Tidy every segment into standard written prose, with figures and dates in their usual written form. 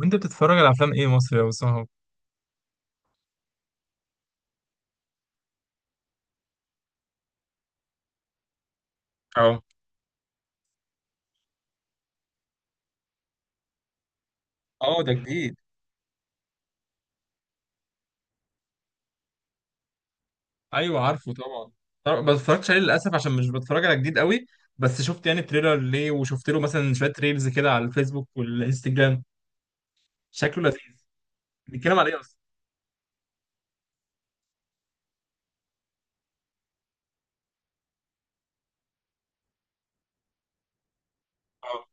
وانت بتتفرج على افلام ايه مصري يا اسامه؟ اه، اه، ده جديد؟ ايوه، عارفه طبعا. طبعا ما اتفرجتش عليه للاسف عشان مش بتفرج على جديد قوي. بس شفت يعني تريلر ليه، وشفت له مثلا شويه ريلز كده على الفيسبوك والانستجرام. شكله لذيذ. بيتكلم على ايه اصلا؟ اه،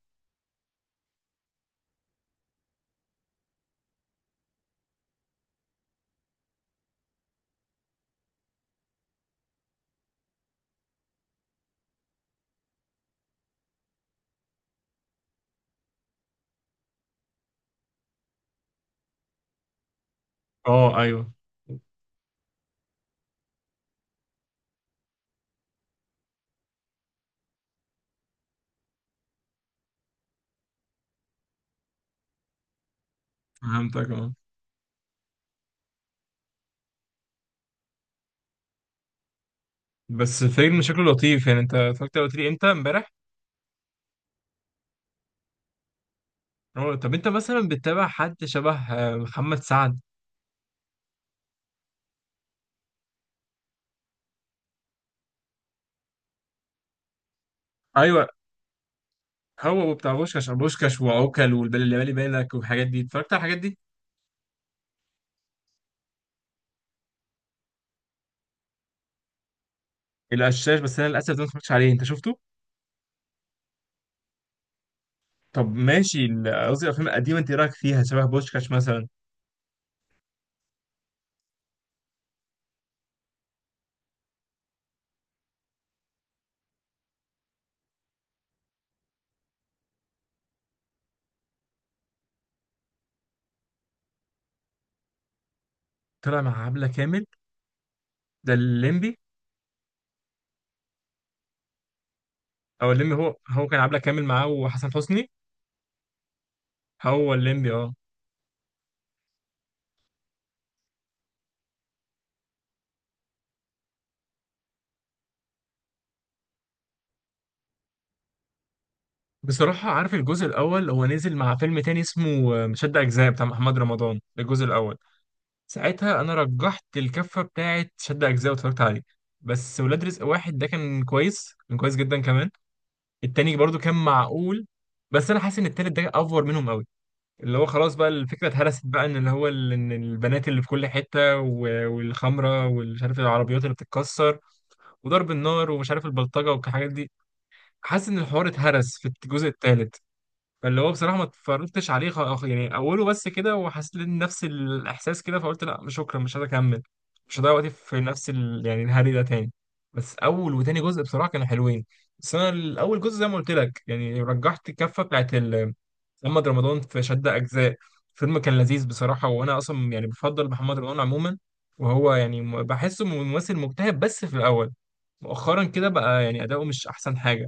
اه، ايوه، فهمتك. اه، بس الفيلم شكله لطيف. يعني انت اتفرجت على قلت لي امتى؟ امبارح؟ اه، طب انت مثلا بتتابع حد شبه محمد سعد؟ ايوه، هو بتاع بوشكاش بوشكاش وعوكل واللي بالي بالك والحاجات دي. اتفرجت على الحاجات دي؟ القشاش؟ بس انا للاسف ده ما اتفرجتش عليه. انت شفته؟ طب ماشي، قصدي الافلام القديمه، انت إيه رايك فيها؟ شبه بوشكاش مثلا؟ طلع مع عبله كامل؟ ده الليمبي. او الليمبي، هو كان عبله كامل معاه وحسن حسني. هو الليمبي، اه. بصراحه، عارف الجزء الاول هو نزل مع فيلم تاني اسمه شد اجزاء بتاع محمد رمضان. ده الجزء الاول. ساعتها انا رجحت الكفه بتاعه شد اجزاء واتفرجت عليه. بس ولاد رزق واحد ده كان كويس، كان كويس جدا كمان. التاني برضو كان معقول. بس انا حاسس ان التالت ده افور منهم قوي. اللي هو خلاص بقى، الفكرة اتهرست بقى، ان اللي هو ان البنات اللي في كل حتة، والخمرة، والمش عارف العربيات اللي بتتكسر، وضرب النار، ومش عارف البلطجة والحاجات دي. حاسس ان الحوار اتهرس في الجزء الثالث. فاللي هو بصراحة ما اتفرجتش عليه، يعني أوله بس كده، وحسيت إن نفس الإحساس كده، فقلت لا، مش شكرا، مش عايز أكمل. مش هضيع وقتي في نفس يعني الهري ده تاني. بس أول وتاني جزء بصراحة كانوا حلوين. بس أنا الأول جزء زي ما قلت لك، يعني رجحت الكفة بتاعت محمد رمضان في شد أجزاء. فيلم كان لذيذ بصراحة، وأنا أصلا يعني بفضل محمد رمضان عموما. وهو يعني بحسه ممثل مجتهد بس في الأول. مؤخرا كده بقى يعني أداؤه مش أحسن حاجة.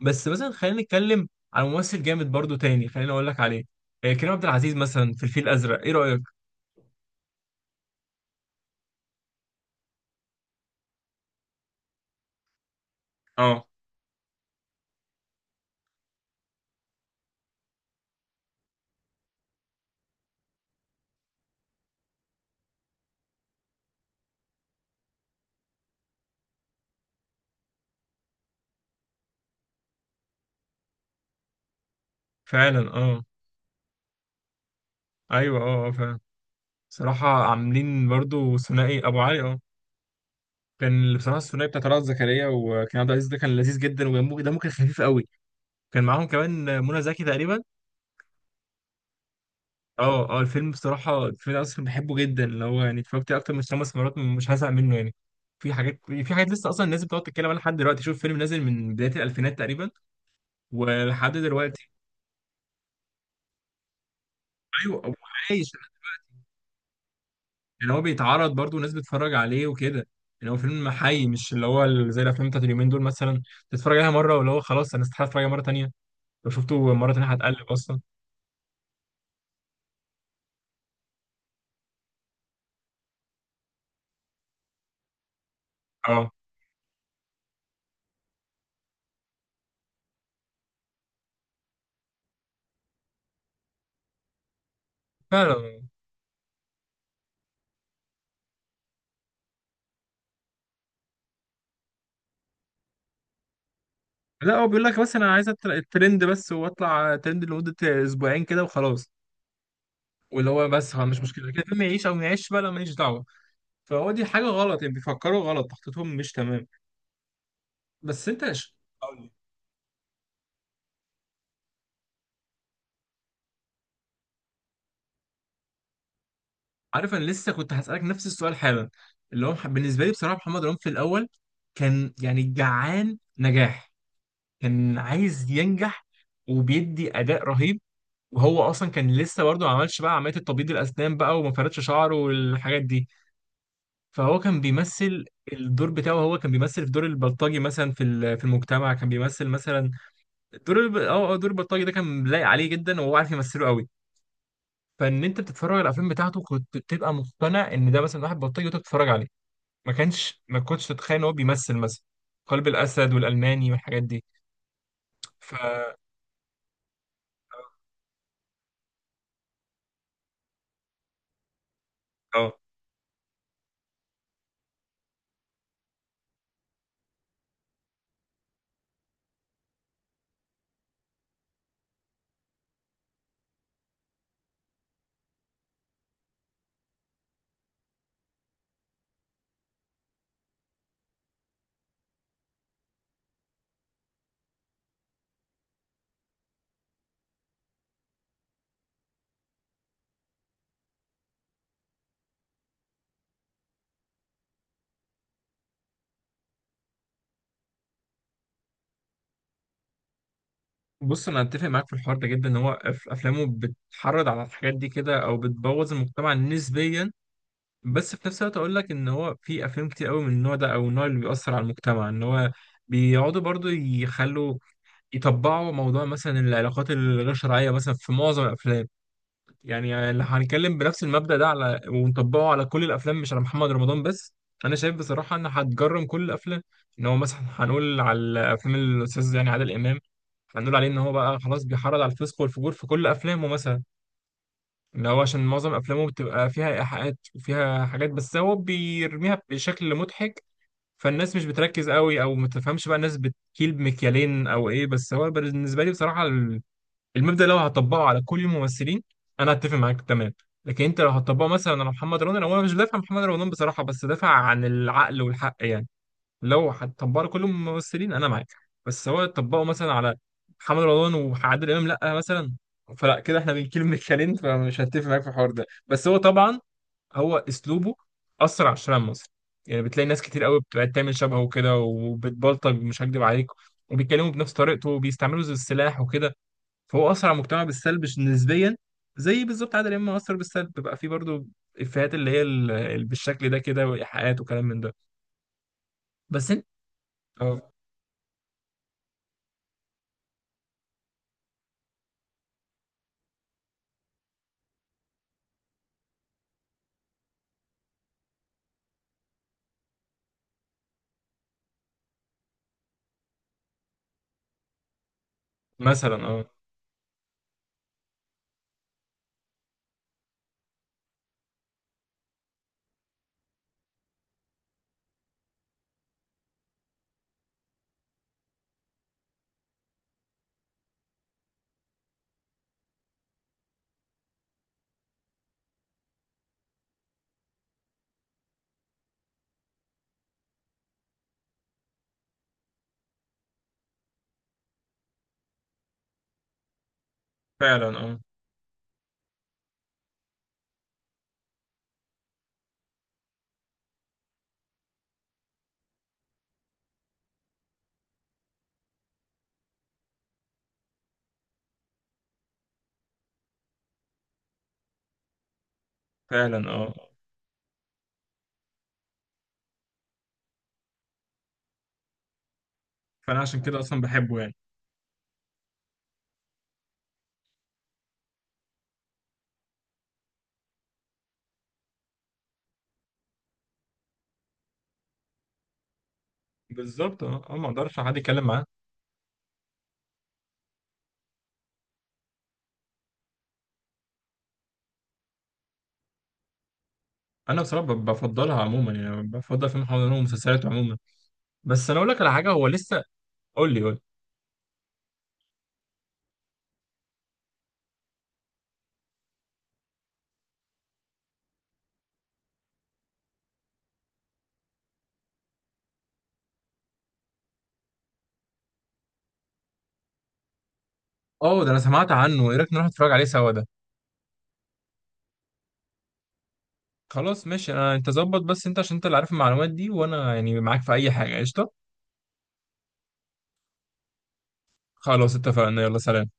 بس مثلا خلينا نتكلم عن ممثل جامد برضو تاني. خليني اقول لك عليه. كريم عبد العزيز مثلا، في الفيل الازرق، ايه رايك؟ اه، فعلا. اه، ايوه، اه، اه، فعلا. صراحه عاملين برضو ثنائي ابو علي، اه. كان بصراحه الثنائي بتاع طلعت زكريا وكريم عبد العزيز ده كان لذيذ جدا، ودمه دمه كان خفيف قوي. كان معاهم كمان منى زكي تقريبا. اه، اه، الفيلم بصراحه، الفيلم ده اصلا بحبه جدا. اللي هو يعني اتفرجت عليه اكتر من 5 مرات، مش هزهق منه يعني. في حاجات لسه اصلا الناس بتقعد تتكلم عنها لحد دلوقتي. شوف فيلم نازل من بدايه الالفينات تقريبا ولحد دلوقتي. ايوه، هو عايش. يعني هو بيتعرض برضه وناس بتتفرج عليه وكده. يعني هو فيلم حي، مش اللي هو زي الافلام بتاعت اليومين دول مثلا، تتفرج عليها مره واللي هو خلاص، انا استحاله اتفرج عليها مره تانيه. لو شفته مره تانيه هتقلب اصلا. اه، فعلا. لا هو بيقول لك بس انا عايز الترند بس، واطلع ترند لمده اسبوعين كده وخلاص. واللي هو بس خلاص، مش مشكله كده، الفيلم يعيش او ما يعيش بقى، لا ماليش دعوه. فهو دي حاجه غلط. يعني بيفكروا غلط، تخطيطهم مش تمام. بس انت عارف انا لسه كنت هسألك نفس السؤال حالا. اللي هو بالنسبة لي بصراحة، محمد رمضان في الأول كان يعني جعان نجاح. كان عايز ينجح، وبيدي أداء رهيب. وهو أصلا كان لسه برضه ما عملش بقى عملية التبييض الأسنان بقى، وما فردش شعره والحاجات دي. فهو كان بيمثل الدور بتاعه. هو كان بيمثل في دور البلطجي مثلا، في في المجتمع كان بيمثل مثلا دور الب... اه آه، دور البلطجي ده كان لايق عليه جدا، وهو عارف يمثله قوي. فان انت بتتفرج على الافلام بتاعته كنت بتبقى مقتنع ان ده مثلا واحد بلطجي وانت بتتفرج عليه. ما كنتش تتخيل ان هو بيمثل مثلا قلب الاسد والالماني والحاجات دي. ف اه بص انا اتفق معاك في الحوار ده جدا، ان هو افلامه بتحرض على الحاجات دي كده، او بتبوظ المجتمع نسبيا. بس في نفس الوقت اقول لك ان هو في افلام كتير قوي من النوع ده، او النوع اللي بيأثر على المجتمع. ان هو بيقعدوا برضو يخلوا يطبعوا موضوع مثلا العلاقات الغير شرعيه مثلا في معظم الافلام. يعني اللي هنتكلم بنفس المبدأ ده على ونطبقه على كل الافلام، مش على محمد رمضان بس. انا شايف بصراحة ان هتجرم كل الافلام. ان هو مثلا هنقول على افلام الاستاذ يعني عادل امام، هنقول عليه ان هو بقى خلاص بيحرض على الفسق والفجور في كل افلامه مثلا، ان هو عشان معظم افلامه بتبقى فيها ايحاءات وفيها حاجات، بس هو بيرميها بشكل مضحك. فالناس مش بتركز قوي، او ما تفهمش بقى. الناس بتكيل بمكيالين او ايه. بس هو بالنسبه لي بصراحه، المبدأ لو هتطبقه على كل الممثلين، انا هتفق معاك تمام. لكن انت لو هتطبقه مثلا على محمد رمضان، هو انا مش بدافع عن محمد رمضان بصراحة، بس دافع عن العقل والحق يعني. لو هتطبقه على كل الممثلين انا معاك. بس هو تطبقه مثلا على محمد رمضان وعادل امام، لا مثلا. فلا كده احنا بنكيل من الكلام، فمش هتفق معاك في الحوار ده. بس هو طبعا هو اسلوبه اثر على الشارع المصري. يعني بتلاقي ناس كتير قوي بتبقى تعمل شبهه وكده وبتبلطج، مش هكدب عليك. وبيتكلموا بنفس طريقته، وبيستعملوا زي السلاح وكده. فهو اثر على المجتمع بالسلب نسبيا. زي بالظبط عادل امام اثر بالسلب. بيبقى فيه برضو افيهات اللي هي بالشكل ده كده، وايحاءات وكلام من ده. بس انت، اه، مثلا، اه، فعلا. اه، فعلا. اه، فانا عشان كده اصلا بحبه يعني. بالظبط، اه، ما اقدرش حد يتكلم معاه. انا بصراحه بفضلها عموما، يعني بفضل فيلم حضانه ومسلسلات عموما. بس انا اقول لك على حاجه، هو لسه. قول لي، قول لي. اه، ده انا سمعت عنه. ايه رايك نروح نتفرج عليه سوا ده؟ خلاص ماشي. انا انت ظبط، بس انت عشان انت اللي عارف المعلومات دي، وانا يعني معاك في اي حاجه، قشطه. خلاص اتفقنا، يلا سلام.